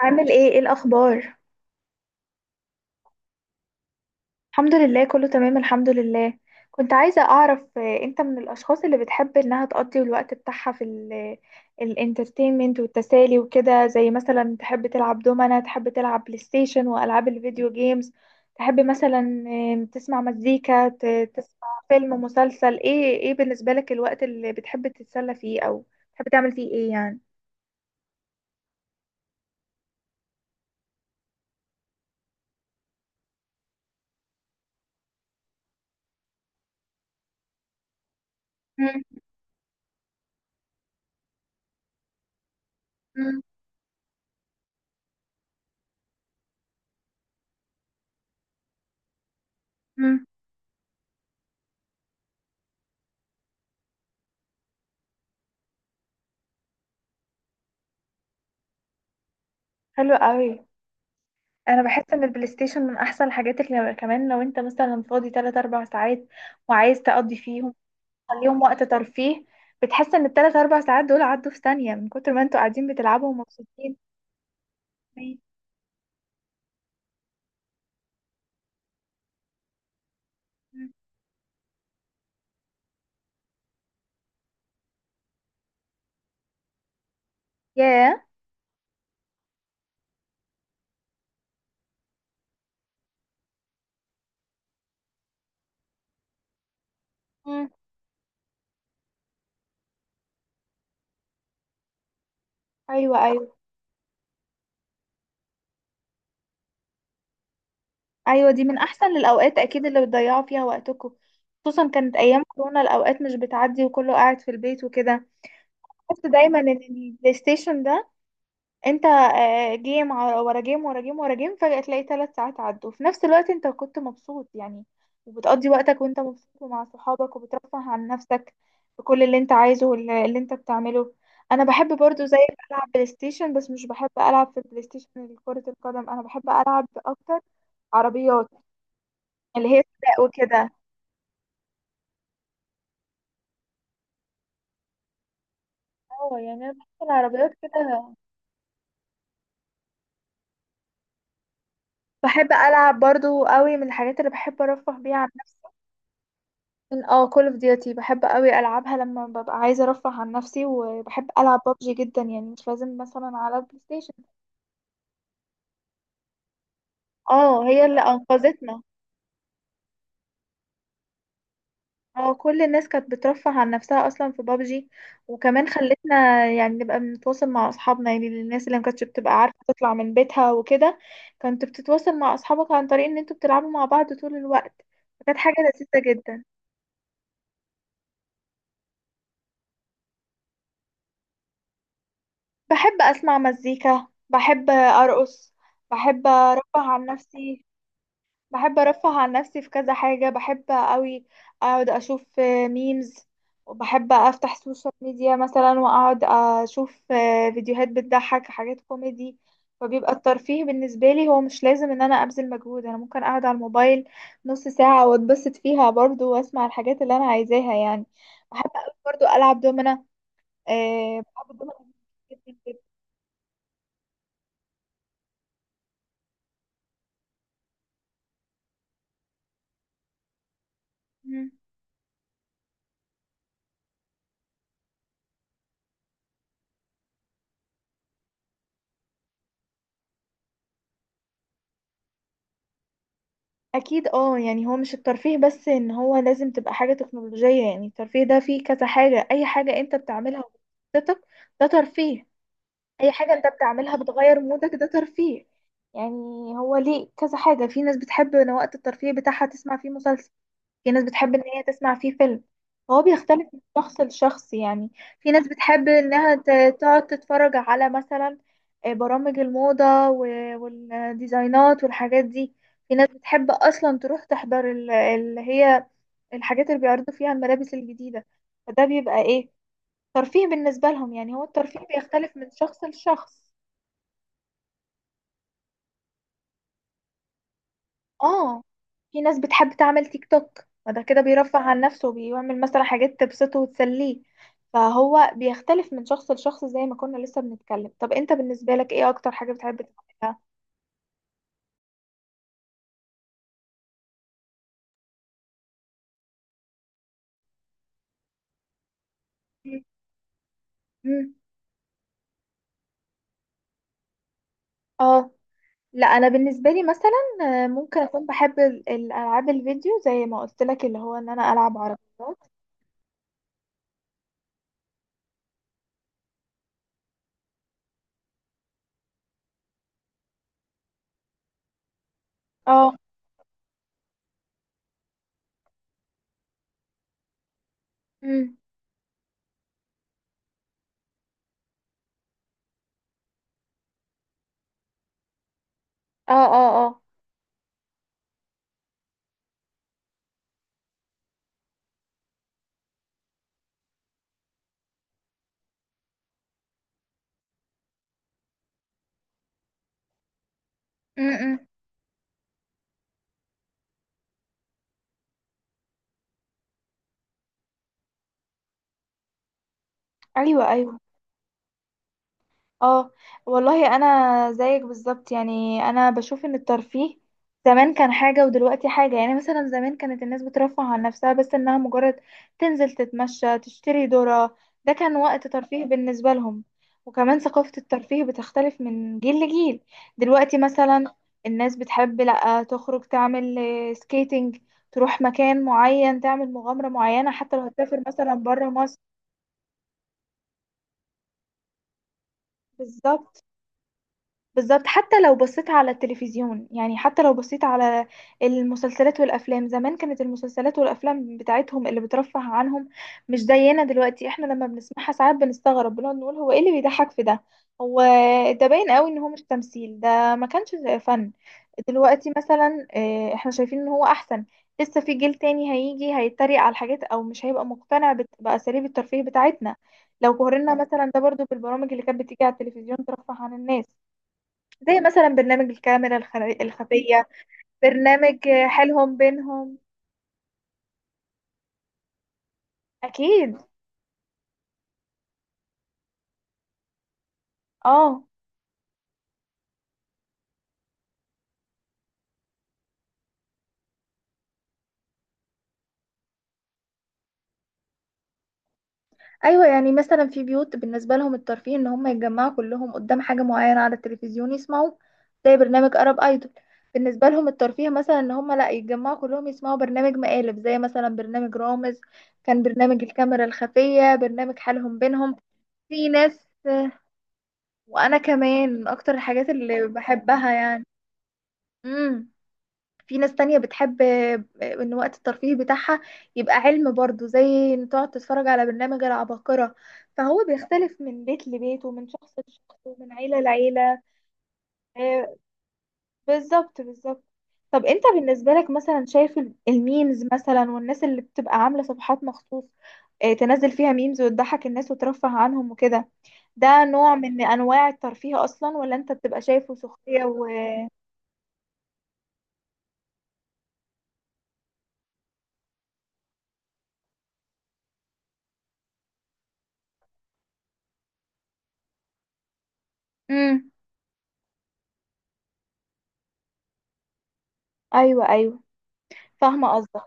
عامل ايه، ايه الاخبار؟ الحمد لله، كله تمام، الحمد لله. كنت عايزة اعرف، انت من الاشخاص اللي بتحب انها تقضي الوقت بتاعها في الانترتينمنت والتسالي وكده، زي مثلا تحب تلعب دومنة، تحب تلعب بلاي ستيشن والعاب الفيديو جيمز، تحب مثلا تسمع مزيكا، تسمع فيلم، مسلسل، ايه؟ ايه بالنسبة لك الوقت اللي بتحب تتسلى فيه او بتحب تعمل فيه ايه يعني؟ مم، مم، مم. حلو قوي. انا بحس ان البلاي ستيشن من احسن الحاجات اللي كمان لو انت مثلا فاضي 3 4 ساعات وعايز تقضي فيهم، تخليهم وقت ترفيه. بتحس ان الثلاث اربع ساعات دول عدوا في ثانية من كتر ما انتوا قاعدين بتلعبوا ومبسوطين. ياه. مم. ايوه، ايوه، ايوه، دي من احسن الاوقات اكيد اللي بتضيعوا فيها وقتكم، خصوصا كانت ايام كورونا الاوقات مش بتعدي وكله قاعد في البيت وكده. بحس دايما ان البلاي ستيشن ده، انت جيم ورا جيم ورا جيم ورا جيم، فجأة تلاقي 3 ساعات عدوا في نفس الوقت، انت كنت مبسوط يعني، وبتقضي وقتك وانت مبسوط ومع صحابك وبترفه عن نفسك بكل اللي انت عايزه، واللي انت بتعمله. انا بحب برضو زي العب بلاي ستيشن، بس مش بحب العب في البلاي ستيشن كرة القدم، انا بحب العب اكتر عربيات، اللي هي سباق وكده. اه، يعني انا بحب العربيات كده. بحب العب برضو قوي، من الحاجات اللي بحب ارفه بيها عن نفسي. اه، كول اوف ديوتي بحب قوي العبها لما ببقى عايزه ارفه عن نفسي، وبحب العب ببجي جدا يعني، مش لازم مثلا على البلاي ستيشن. اه، هي اللي انقذتنا. اه، كل الناس كانت بترفه عن نفسها اصلا في ببجي، وكمان خلتنا يعني نبقى بنتواصل مع اصحابنا، يعني الناس اللي ما كانتش بتبقى عارفه تطلع من بيتها وكده. كنت بتتواصل مع اصحابك عن طريق ان انتوا بتلعبوا مع بعض طول الوقت، فكانت حاجه لذيذه جدا. بحب اسمع مزيكا، بحب ارقص، بحب ارفه عن نفسي. بحب ارفه عن نفسي في كذا حاجة. بحب قوي اقعد اشوف ميمز، وبحب افتح سوشيال ميديا مثلا واقعد اشوف فيديوهات بتضحك، حاجات كوميدي. فبيبقى الترفيه بالنسبة لي هو مش لازم ان انا ابذل مجهود، انا ممكن اقعد على الموبايل نص ساعة واتبسط فيها برضو، واسمع الحاجات اللي انا عايزاها يعني. بحب قوي برضو العب دومنا. أه، بحب الدومنة جدا جدا. اكيد اه، يعني هو مش الترفيه بس ان هو لازم تبقى حاجة تكنولوجية، يعني الترفيه ده فيه كذا حاجة، اي حاجة انت بتعملها وبتبسطك ده ترفيه. اي حاجة انت بتعملها بتغير مودك ده ترفيه يعني. هو ليه كذا حاجة، في ناس بتحب ان وقت الترفيه بتاعها تسمع فيه مسلسل، في ناس بتحب ان هي تسمع فيه فيلم. هو بيختلف من شخص لشخص يعني. في ناس بتحب انها تقعد تتفرج على مثلا برامج الموضة والديزاينات والحاجات دي. في ناس بتحب اصلا تروح تحضر اللي هي الحاجات اللي بيعرضوا فيها الملابس الجديدة، فده بيبقى ايه، ترفيه بالنسبة لهم. يعني هو الترفيه بيختلف من شخص لشخص. اه، في ناس بتحب تعمل تيك توك، فده كده بيرفه عن نفسه وبيعمل مثلا حاجات تبسطه وتسليه. فهو بيختلف من شخص لشخص، زي ما كنا لسه بنتكلم. طب انت بالنسبة لك ايه اكتر حاجة بتحب تعملها؟ مم. مم. اه. لا، انا بالنسبة لي مثلا ممكن اكون بحب الالعاب الفيديو، زي ما قلت لك، اللي هو ان انا العب عربيات. اه. مم. اه، اه، اه. مم. مم. ايوه، ايوه. اه، والله انا زيك بالظبط، يعني انا بشوف ان الترفيه زمان كان حاجة ودلوقتي حاجة، يعني مثلا زمان كانت الناس بترفه عن نفسها بس انها مجرد تنزل تتمشى تشتري ذرة، ده كان وقت ترفيه بالنسبة لهم. وكمان ثقافة الترفيه بتختلف من جيل لجيل. دلوقتي مثلا الناس بتحب لا تخرج تعمل سكيتنج، تروح مكان معين تعمل مغامرة معينة، حتى لو هتسافر مثلا برا مصر. بالظبط، بالظبط. حتى لو بصيت على التلفزيون يعني، حتى لو بصيت على المسلسلات والافلام، زمان كانت المسلسلات والافلام بتاعتهم اللي بترفه عنهم مش زينا دلوقتي، احنا لما بنسمعها ساعات بنستغرب بنقعد نقول هو ايه اللي بيضحك في ده. هو ده باين قوي ان هو مش تمثيل، ده ما كانش فن. دلوقتي مثلا احنا شايفين ان هو احسن. لسه في جيل تاني هيجي هيتريق على الحاجات، او مش هيبقى مقتنع باساليب الترفيه بتاعتنا. لو قارنا مثلا ده برضو بالبرامج اللي كانت بتيجي على التلفزيون ترفه عن الناس، زي مثلا برنامج الكاميرا الخفية، برنامج حيلهم بينهم. أكيد اه. ايوه، يعني مثلا في بيوت بالنسبه لهم الترفيه ان هم يتجمعوا كلهم قدام حاجه معينه على التلفزيون يسمعوا، زي برنامج ارب ايدول. بالنسبه لهم الترفيه مثلا ان هم لا يتجمعوا كلهم يسمعوا برنامج مقالب، زي مثلا برنامج رامز، كان برنامج الكاميرا الخفيه، برنامج حالهم بينهم. في ناس، وانا كمان من اكتر الحاجات اللي بحبها يعني. امم، في ناس تانية بتحب ان وقت الترفيه بتاعها يبقى علم برضو، زي ان تقعد تتفرج على برنامج العباقرة. فهو بيختلف من بيت لبيت ومن شخص لشخص ومن عيلة لعيلة. آه، بالظبط، بالظبط. طب انت بالنسبة لك مثلا شايف الميمز مثلا، والناس اللي بتبقى عاملة صفحات مخصوص تنزل فيها ميمز وتضحك الناس وترفه عنهم وكده، ده نوع من انواع الترفيه اصلا ولا انت بتبقى شايفه سخرية و...؟ مم. ايوه، ايوه، فاهمة قصدك.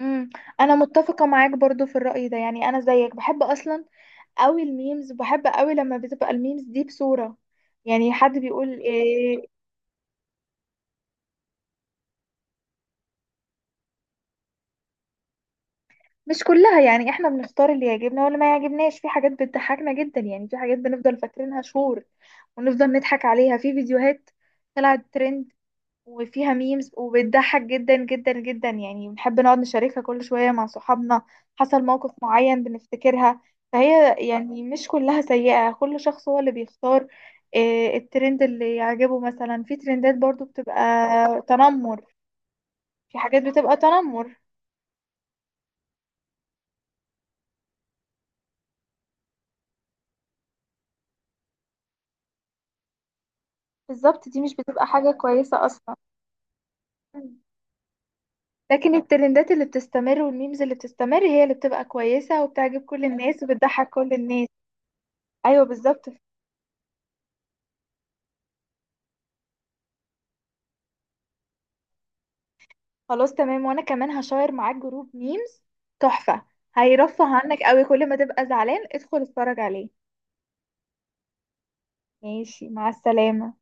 امم، انا متفقه معاك برضو في الراي ده، يعني انا زيك بحب اصلا قوي الميمز، بحب قوي لما بتبقى الميمز دي بصوره، يعني حد بيقول إيه. مش كلها يعني، احنا بنختار اللي يعجبنا واللي ما يعجبناش، في حاجات بتضحكنا جدا يعني، في حاجات بنفضل فاكرينها شهور ونفضل نضحك عليها. في فيديوهات طلعت ترند وفيها ميمز وبتضحك جدا جدا جدا يعني، بنحب نقعد نشاركها كل شوية مع صحابنا، حصل موقف معين بنفتكرها. فهي يعني مش كلها سيئة، كل شخص هو اللي بيختار الترند اللي يعجبه. مثلا في ترندات برضو بتبقى تنمر، في حاجات بتبقى تنمر. بالظبط، دي مش بتبقى حاجة كويسة أصلا. لكن الترندات اللي بتستمر والميمز اللي بتستمر هي اللي بتبقى كويسة وبتعجب كل الناس وبتضحك كل الناس. ايوه، بالظبط. خلاص تمام، وانا كمان هشير معاك جروب ميمز تحفة، هيرفه عنك قوي، كل ما تبقى زعلان ادخل اتفرج عليه. ماشي، مع السلامة.